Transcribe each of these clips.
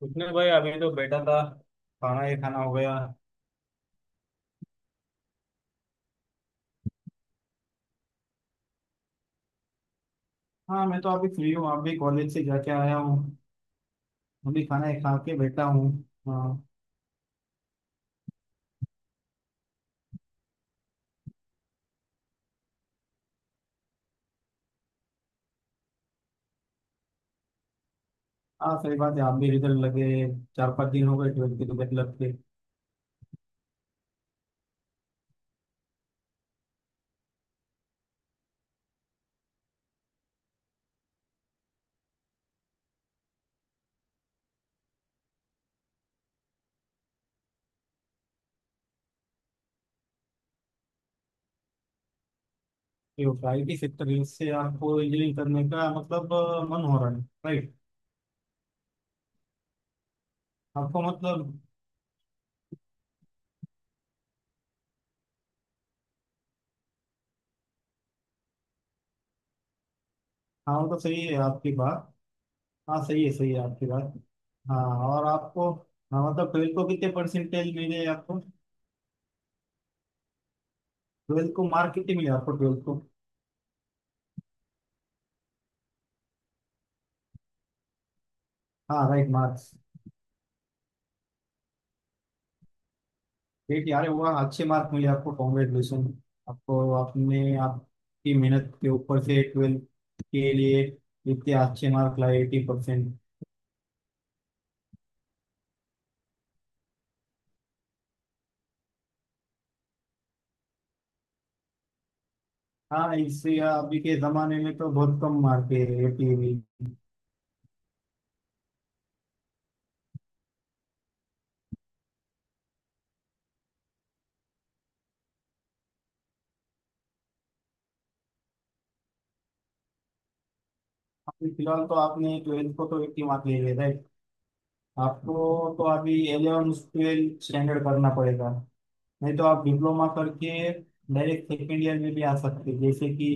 कुछ नहीं भाई, अभी तो बैठा था। खाना ही खाना हो गया। हाँ, मैं तो अभी फ्री हूँ। अभी कॉलेज से जाके आया हूँ। अभी खाना ही खा के बैठा हूँ। हाँ हाँ, सही बात है। आप भी रिजल्ट लगे, 4-5 दिन हो गए ट्वेल्थ के रिजल्ट लगते। तो आईटी सेक्टर से आपको इंजीनियरिंग करने का मतलब मन हो रहा है, राइट। आपको मतलब। हाँ, वो तो सही है आपकी बात। हाँ, सही है आपकी बात। हाँ, और आपको। हाँ, मतलब ट्वेल्थ को कितने परसेंटेज मिले आपको? ट्वेल्थ को मार्क कितने मिले आपको ट्वेल्थ को? हाँ राइट, मार्क्स। ठीक यार हुआ, अच्छे मार्क मिले आपको। कॉन्ग्रेचुलेशन आपको, आपने आपकी मेहनत के ऊपर से ट्वेल्थ के लिए इतने अच्छे मार्क लाए, 80%। हाँ, इससे अभी के जमाने में तो बहुत कम मार्क है 80 भी। अभी फिलहाल तो आपने ट्वेल्थ को तो 80 मार्क ले लिया, राइट? आपको। तो अभी एलेवन ट्वेल्थ स्टैंडर्ड करना पड़ेगा। नहीं तो आप डिप्लोमा करके डायरेक्ट सेकेंड ईयर में भी आ सकते हैं। जैसे कि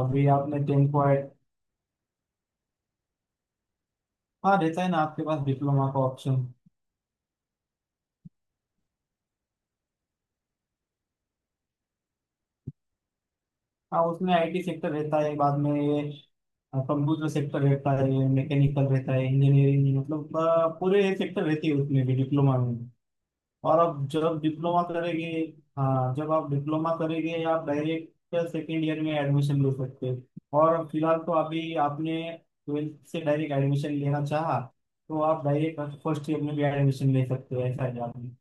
अभी आपने 10 को ऐड। हाँ, रहता है ना आपके पास डिप्लोमा का ऑप्शन। हाँ, उसमें आईटी सेक्टर रहता है। बाद में ये कंप्यूटर सेक्टर रहता है, मैकेनिकल रहता है। इंजीनियरिंग मतलब पूरे सेक्टर रहती है उसमें भी डिप्लोमा में। और अब जब डिप्लोमा करेंगे। हाँ, जब आप डिप्लोमा करेंगे आप डायरेक्ट सेकेंड ईयर में एडमिशन ले सकते हैं। और फिलहाल तो अभी आपने ट्वेल्थ से डायरेक्ट एडमिशन लेना चाहा, तो आप डायरेक्ट फर्स्ट ईयर में भी एडमिशन ले सकते हो, ऐसा है आपने।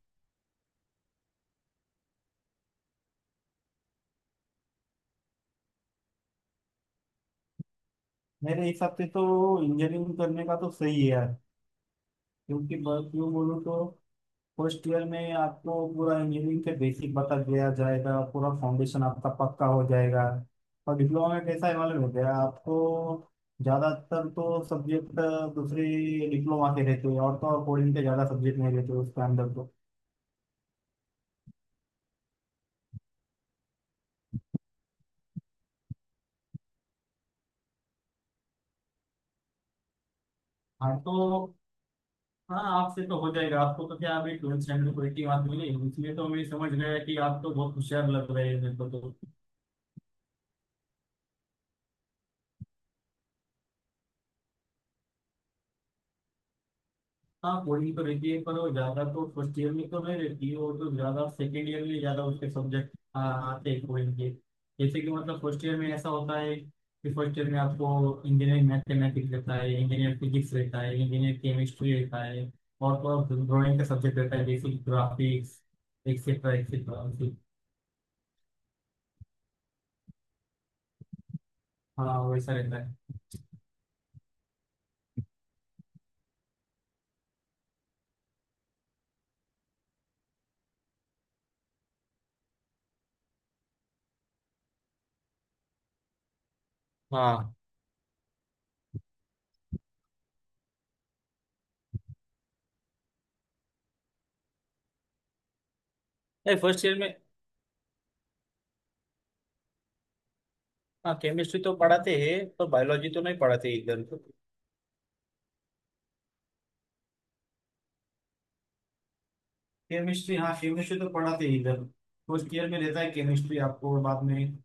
मेरे हिसाब से तो इंजीनियरिंग करने का तो सही है यार। क्योंकि क्यों बोलूँ तो फर्स्ट ईयर में आपको पूरा इंजीनियरिंग के बेसिक बता दिया जाएगा, पूरा फाउंडेशन आपका पक्का हो जाएगा। और डिप्लोमा में कैसा है मालूम हो गया आपको। ज़्यादातर तो सब्जेक्ट दूसरे डिप्लोमा के रहते हैं। और तो और कोडिंग के ज़्यादा सब्जेक्ट नहीं रहते उसके अंदर तो। हाँ तो, हाँ आपसे तो हो जाएगा। आपको तो क्या अभी ट्वेल्थ स्टैंडर्ड कोई की बात मिली, इसलिए तो मैं समझ गया कि आप तो बहुत होशियार लग रहे हैं मेरे को तो। हाँ, वही तो रहती है पर वो ज्यादा तो फर्स्ट ईयर में तो नहीं रहती है। वो तो ज्यादा सेकेंड ईयर में ज्यादा उसके सब्जेक्ट आते हैं कोई के। जैसे कि मतलब फर्स्ट ईयर में ऐसा होता है कि फर्स्ट ईयर में आपको इंजीनियरिंग मैथमेटिक्स रहता है, इंजीनियर फिजिक्स रहता है, इंजीनियर केमिस्ट्री रहता है, और तो ड्राइंग का सब्जेक्ट रहता है जैसे ग्राफिक्स, एक्सेट्रा एक्सेट्रा। हाँ, वैसा रहता है। हाँ, नहीं फर्स्ट ईयर में, हाँ केमिस्ट्री तो पढ़ाते हैं। पर बायोलॉजी तो नहीं पढ़ाते इधर। केमिस्ट्री, हाँ केमिस्ट्री तो पढ़ाते ही इधर। फर्स्ट ईयर में रहता है केमिस्ट्री आपको और बाद में।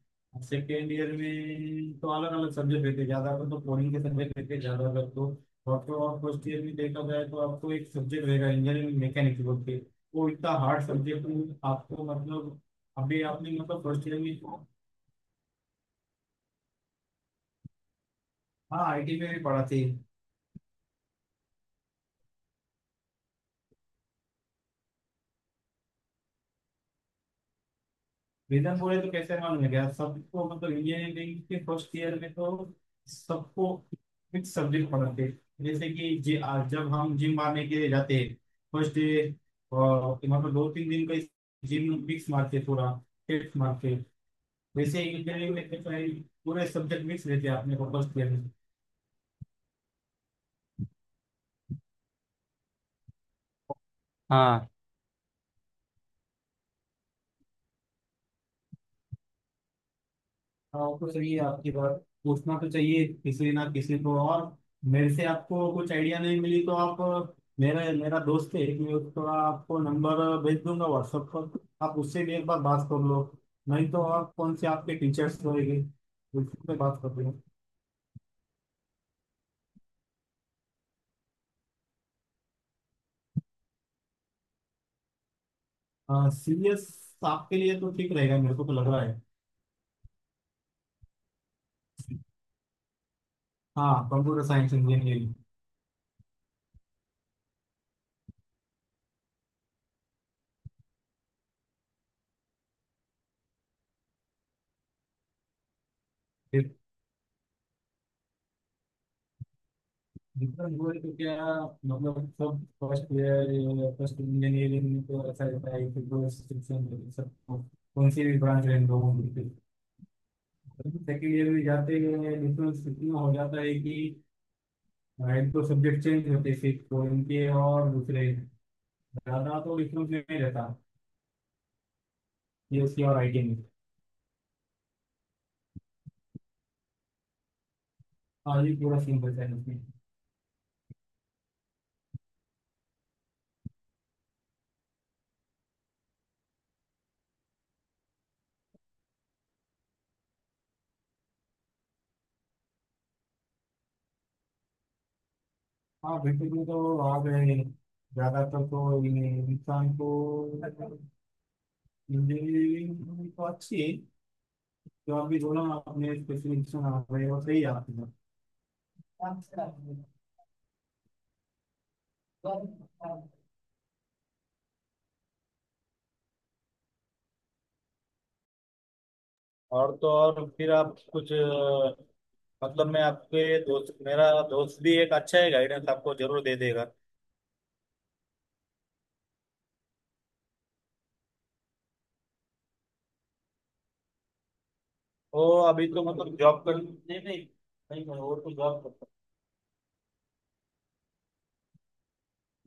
सेकेंड ईयर में तो अलग अलग सब्जेक्ट रहते हैं। ज्यादातर तो कोडिंग के सब्जेक्ट रहते हैं ज्यादातर तो। और तो और फर्स्ट ईयर में देखा जाए तो आपको एक सब्जेक्ट रहेगा इंजीनियरिंग मैकेनिक्स बोल के, वो इतना हार्ड सब्जेक्ट। आपको मतलब अभी आपने मतलब फर्स्ट ईयर में। हाँ, आईटी में भी पढ़ाते हैं। रीजन बोले तो कैसे मालूम है क्या सबको? मतलब ये है कि फर्स्ट ईयर में तो सबको फिक्स सब्जेक्ट पढ़ाते हैं। जैसे कि जे आज जब हम जिम मारने के लिए जाते हैं फर्स्ट डे, मतलब 2-3 दिन का जिम मिक्स मारते थोड़ा, टेस्ट मारते, वैसे इंजीनियरिंग में कैसा है, पूरे सब्जेक्ट मिक्स रहते हैं अपने को फर्स्ट ईयर में। हाँ हाँ, तो सही है आपकी बात। पूछना तो चाहिए किसी ना किसी को और। मेरे से आपको कुछ आइडिया नहीं मिली तो आप मेरा मेरा दोस्त है, मैं उसको आपको नंबर भेज दूंगा व्हाट्सएप पर। आप उससे भी एक बार बात कर लो। नहीं तो आप कौन से आपके टीचर्स होंगे, उससे बात कर लो। सीरियस आपके लिए तो ठीक रहेगा, मेरे को तो लग रहा है। हाँ, कंप्यूटर साइंस इंजीनियरिंग। मतलब वो तो क्या, मतलब सब फर्स्ट ईयर फर्स्ट इंजीनियरिंग में तो ऐसा रहता है कि दो restriction सबको, कौन सी भी ब्रांच रहे दो होंगे। सेकेंड ईयर में जाते हैं डिफरेंस इतना हो जाता है कि एक तो सब्जेक्ट चेंज होते हैं सिर्फ तो इनके, और दूसरे ज़्यादा तो डिफरेंस नहीं रहता ये उसकी और आईटी में। हाँ, ये पूरा सीन रहता है इसमें। हाँ, बिल्कुल में तो आ गए। ज़्यादातर तो ये इंसान को इंजीनियरिंग तो अच्छी है। जो आप भी बोला ना, आपने स्पेशलिस्टेशन आ रहे हो, सही है आपने। और तो और फिर आप कुछ मतलब मैं आपके दोस्त मेरा दोस्त भी एक अच्छा है, गाइडेंस आपको जरूर दे देगा। वो अभी तो मतलब जॉब कर नहीं नहीं। नहीं नहीं, वो तो जॉब करता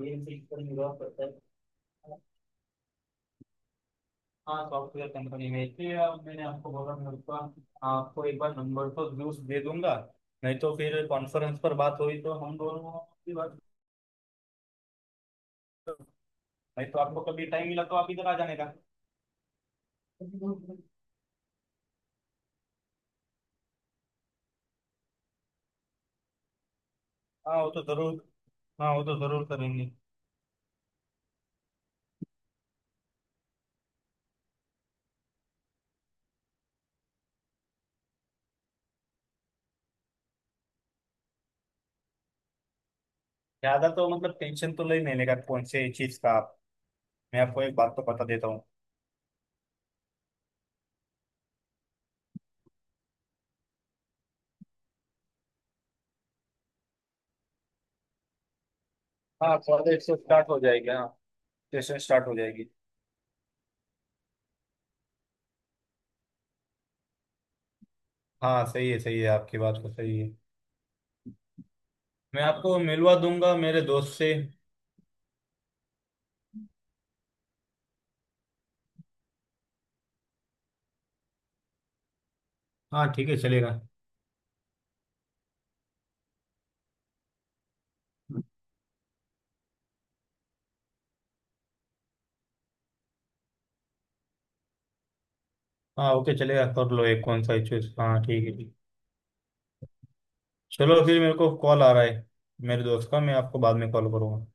है। ये चीज पर जॉब करता है। हाँ, सॉफ्टवेयर कंपनी में, इसलिए अब मैंने आपको बोला मैं उसका आपको एक बार नंबर तो जरूर दे दूंगा। नहीं तो फिर कॉन्फ्रेंस पर बात हुई तो हम दोनों की बात। नहीं तो आपको कभी टाइम मिला तो आप इधर आ जाने का। हाँ, वो तो जरूर। हाँ, वो तो जरूर करेंगे। ज्यादा तो मतलब टेंशन तो ले नहीं लेगा कौन से चीज का आप। मैं आपको एक बात तो बता देता हूँ। हाँ, कॉलेज से स्टार्ट हो जाएगी। हाँ, सेशन स्टार्ट हो जाएगी। हाँ, सही है आपकी बात तो सही है। मैं आपको मिलवा दूंगा मेरे दोस्त से। हाँ, ठीक है चलेगा। हाँ, ओके चलेगा, कर लो एक कौन सा चूज। हाँ, ठीक है ठीक। चलो फिर, मेरे को कॉल आ रहा है मेरे दोस्त का, मैं आपको बाद में कॉल करूँगा।